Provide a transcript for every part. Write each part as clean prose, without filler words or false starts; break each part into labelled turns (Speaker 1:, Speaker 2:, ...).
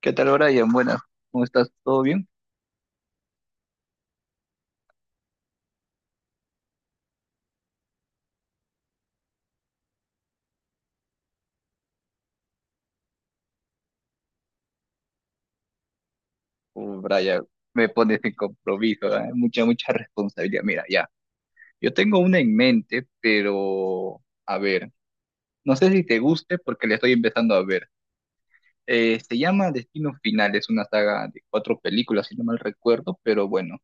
Speaker 1: ¿Qué tal, Brian? Buenas, ¿cómo estás? ¿Todo bien? Brian, me pones en compromiso, ¿eh? Mucha, mucha responsabilidad. Mira, ya, yo tengo una en mente, pero a ver, no sé si te guste porque la estoy empezando a ver. Se llama Destino Final, es una saga de cuatro películas, si no mal recuerdo, pero bueno,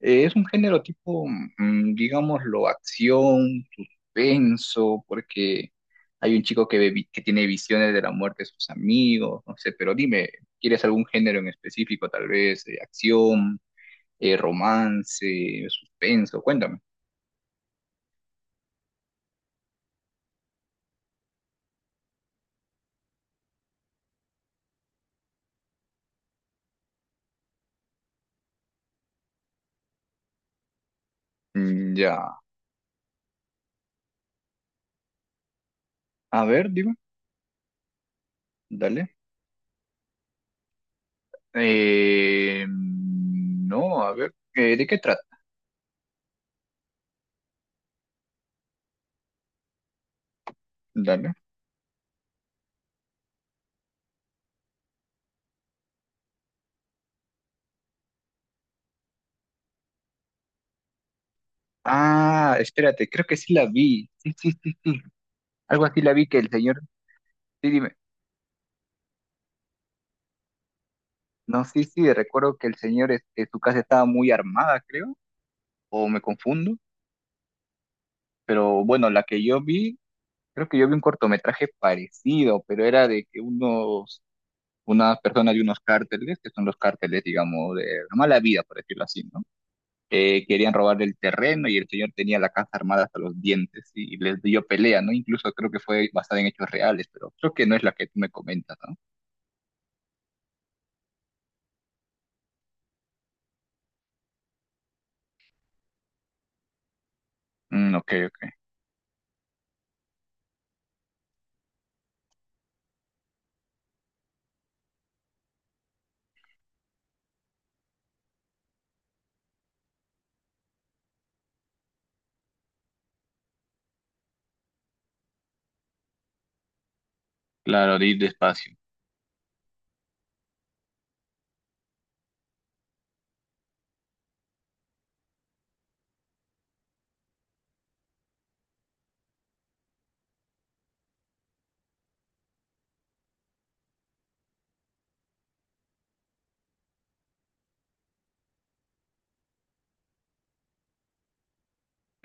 Speaker 1: Es un género tipo, digámoslo, acción, suspenso, porque hay un chico que, que tiene visiones de la muerte de sus amigos, no sé, pero dime, ¿quieres algún género en específico? Tal vez acción, romance, suspenso, cuéntame. Mm, ya, a ver, dime, dale. No, a ver, ¿de qué trata? Dale. Ah, espérate, creo que sí la vi. Sí, algo así la vi que el señor... Sí, dime. No, sí, sí, recuerdo que el señor, este, su casa estaba muy armada, creo, o me confundo, pero bueno, la que yo vi, creo que yo vi un cortometraje parecido, pero era de que unos, unas personas de unos cárteles, que son los cárteles, digamos, de la mala vida, por decirlo así, ¿no? Querían robar el terreno y el señor tenía la casa armada hasta los dientes y les dio pelea, ¿no? Incluso creo que fue basada en hechos reales, pero creo que no es la que tú me comentas, ¿no? Mm, ok, ok. Claro, de ir despacio.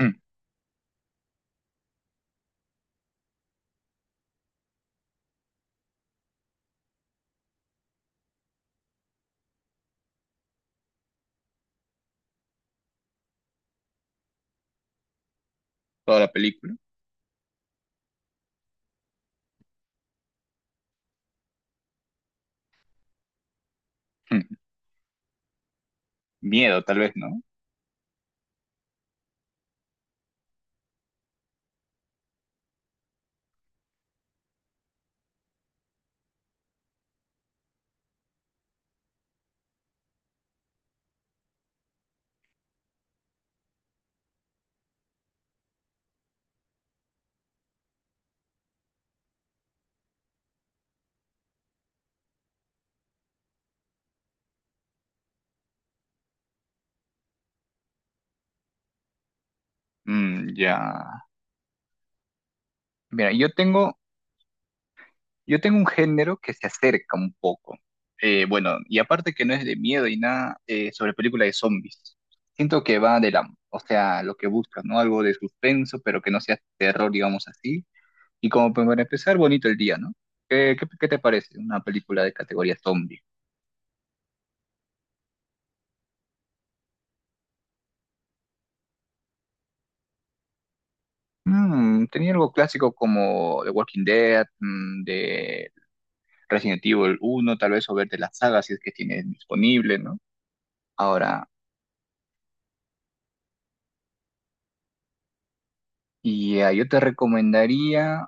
Speaker 1: Mm. Toda la película. Mm, miedo, tal vez, ¿no? Mm, ya. Mira, yo tengo un género que se acerca un poco. Bueno, y aparte que no es de miedo y nada, sobre película de zombies. Siento que va de la, o sea, lo que buscas, ¿no? Algo de suspenso, pero que no sea terror, digamos así. Y como pues, para empezar, bonito el día, ¿no? ¿Qué, qué, qué te parece una película de categoría zombie? Mm, tenía algo clásico como The Walking Dead, mm, de Resident Evil uno tal vez, o ver de las sagas si es que tienes disponible, ¿no? Ahora, y yo te recomendaría,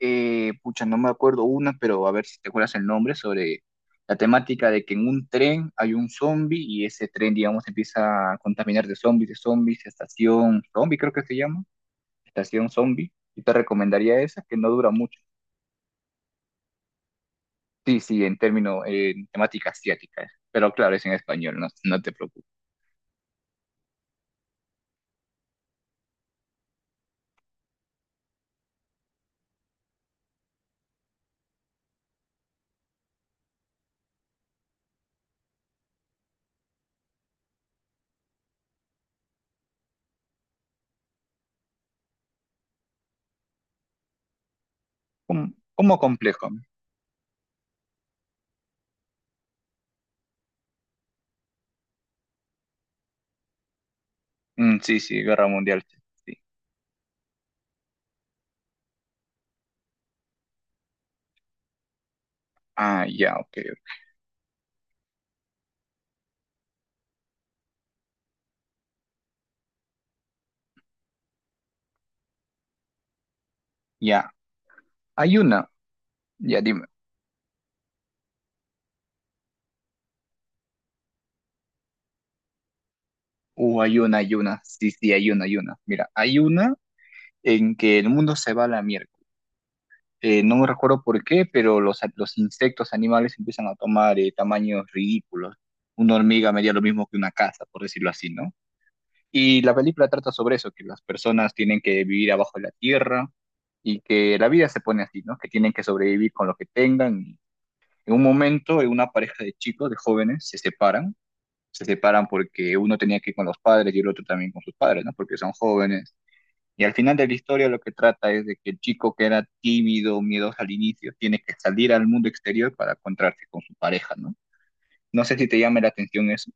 Speaker 1: pucha, no me acuerdo una, pero a ver si te acuerdas el nombre, sobre la temática de que en un tren hay un zombie y ese tren, digamos, empieza a contaminar de zombies, estación zombie, creo que se llama, estación zombie. Yo te recomendaría esa, que no dura mucho. Sí, sí, en términos, en temática asiática, es. Pero claro, es en español, no, no te preocupes. Cómo complejo. Mm, sí, sí, Guerra Mundial. Sí. Ah, ya, ok, ok. Ya, hay una, ya dime. Hay una, hay una. Sí, sí, hay una, hay una. Mira, hay una en que el mundo se va a la mierda. No me recuerdo por qué, pero los, los insectos animales empiezan a tomar tamaños ridículos. Una hormiga medía lo mismo que una casa, por decirlo así, ¿no? Y la película trata sobre eso, que las personas tienen que vivir abajo de la tierra y que la vida se pone así, ¿no? Que tienen que sobrevivir con lo que tengan. En un momento, una pareja de chicos, de jóvenes, se separan porque uno tenía que ir con los padres y el otro también con sus padres, ¿no? Porque son jóvenes. Y al final de la historia lo que trata es de que el chico que era tímido, miedoso al inicio, tiene que salir al mundo exterior para encontrarse con su pareja, ¿no? No sé si te llama la atención eso.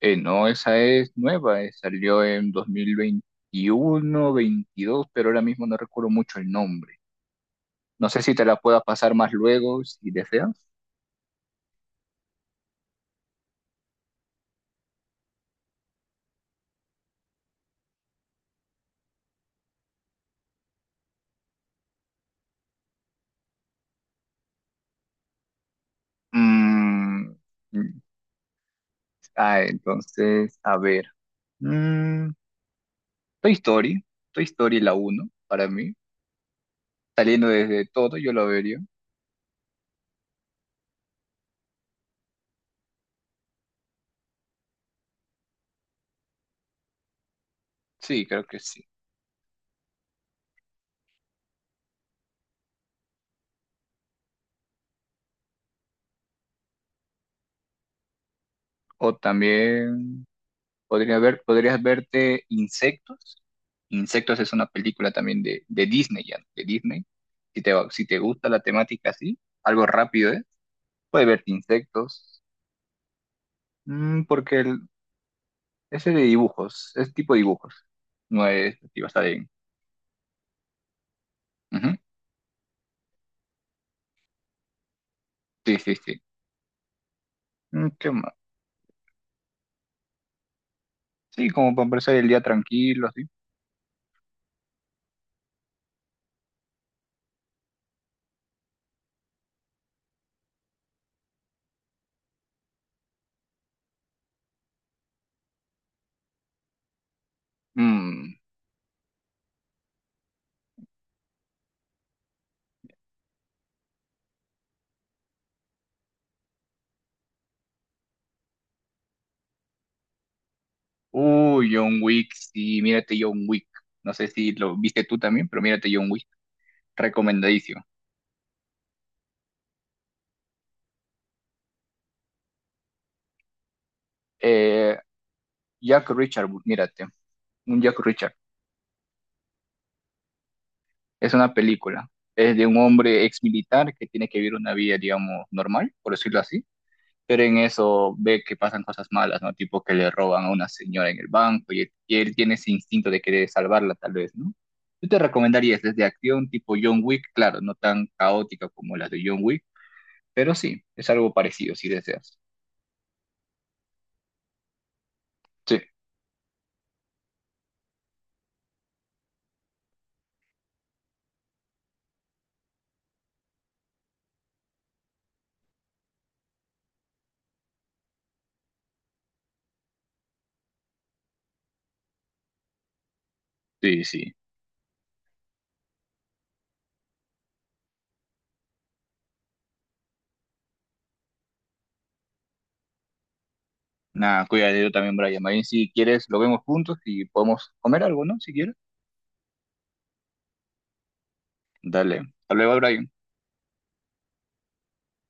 Speaker 1: No, esa es nueva, salió en 2021, 22, pero ahora mismo no recuerdo mucho el nombre. No sé si te la pueda pasar más luego, si deseas. Mm, mm, ah, entonces, a ver. Mm, Toy Story, Toy Story la uno, para mí, saliendo desde todo yo lo vería. Sí, creo que sí. O también podrías verte Insectos. Insectos es una película también de Disney, ya, de Disney. Si te, si te gusta la temática así, algo rápido, ¿eh? Puedes verte Insectos. Porque el, ese de dibujos, es tipo dibujos, no es, está bien. Ujú. Sí, sí, sí. Mm, ¿qué más? Sí, como para empezar el día tranquilo, así. Mm. Uy, John Wick, sí, mírate John Wick. No sé si lo viste tú también, pero mírate John Wick. Recomendadísimo. Eh, Jack Richard, mírate. Un Jack Richard. Es una película. Es de un hombre ex militar que tiene que vivir una vida, digamos, normal, por decirlo así. Pero en eso ve que pasan cosas malas, ¿no? Tipo que le roban a una señora en el banco y él tiene ese instinto de querer salvarla, tal vez, ¿no? Yo te recomendaría, es de acción tipo John Wick, claro, no tan caótica como las de John Wick. Pero sí, es algo parecido si deseas. Sí, sí, sí. Nada, cuídate yo también, Brian. Ahí si quieres, lo vemos juntos y podemos comer algo, ¿no? Si quieres. Dale. Hasta luego, Brian.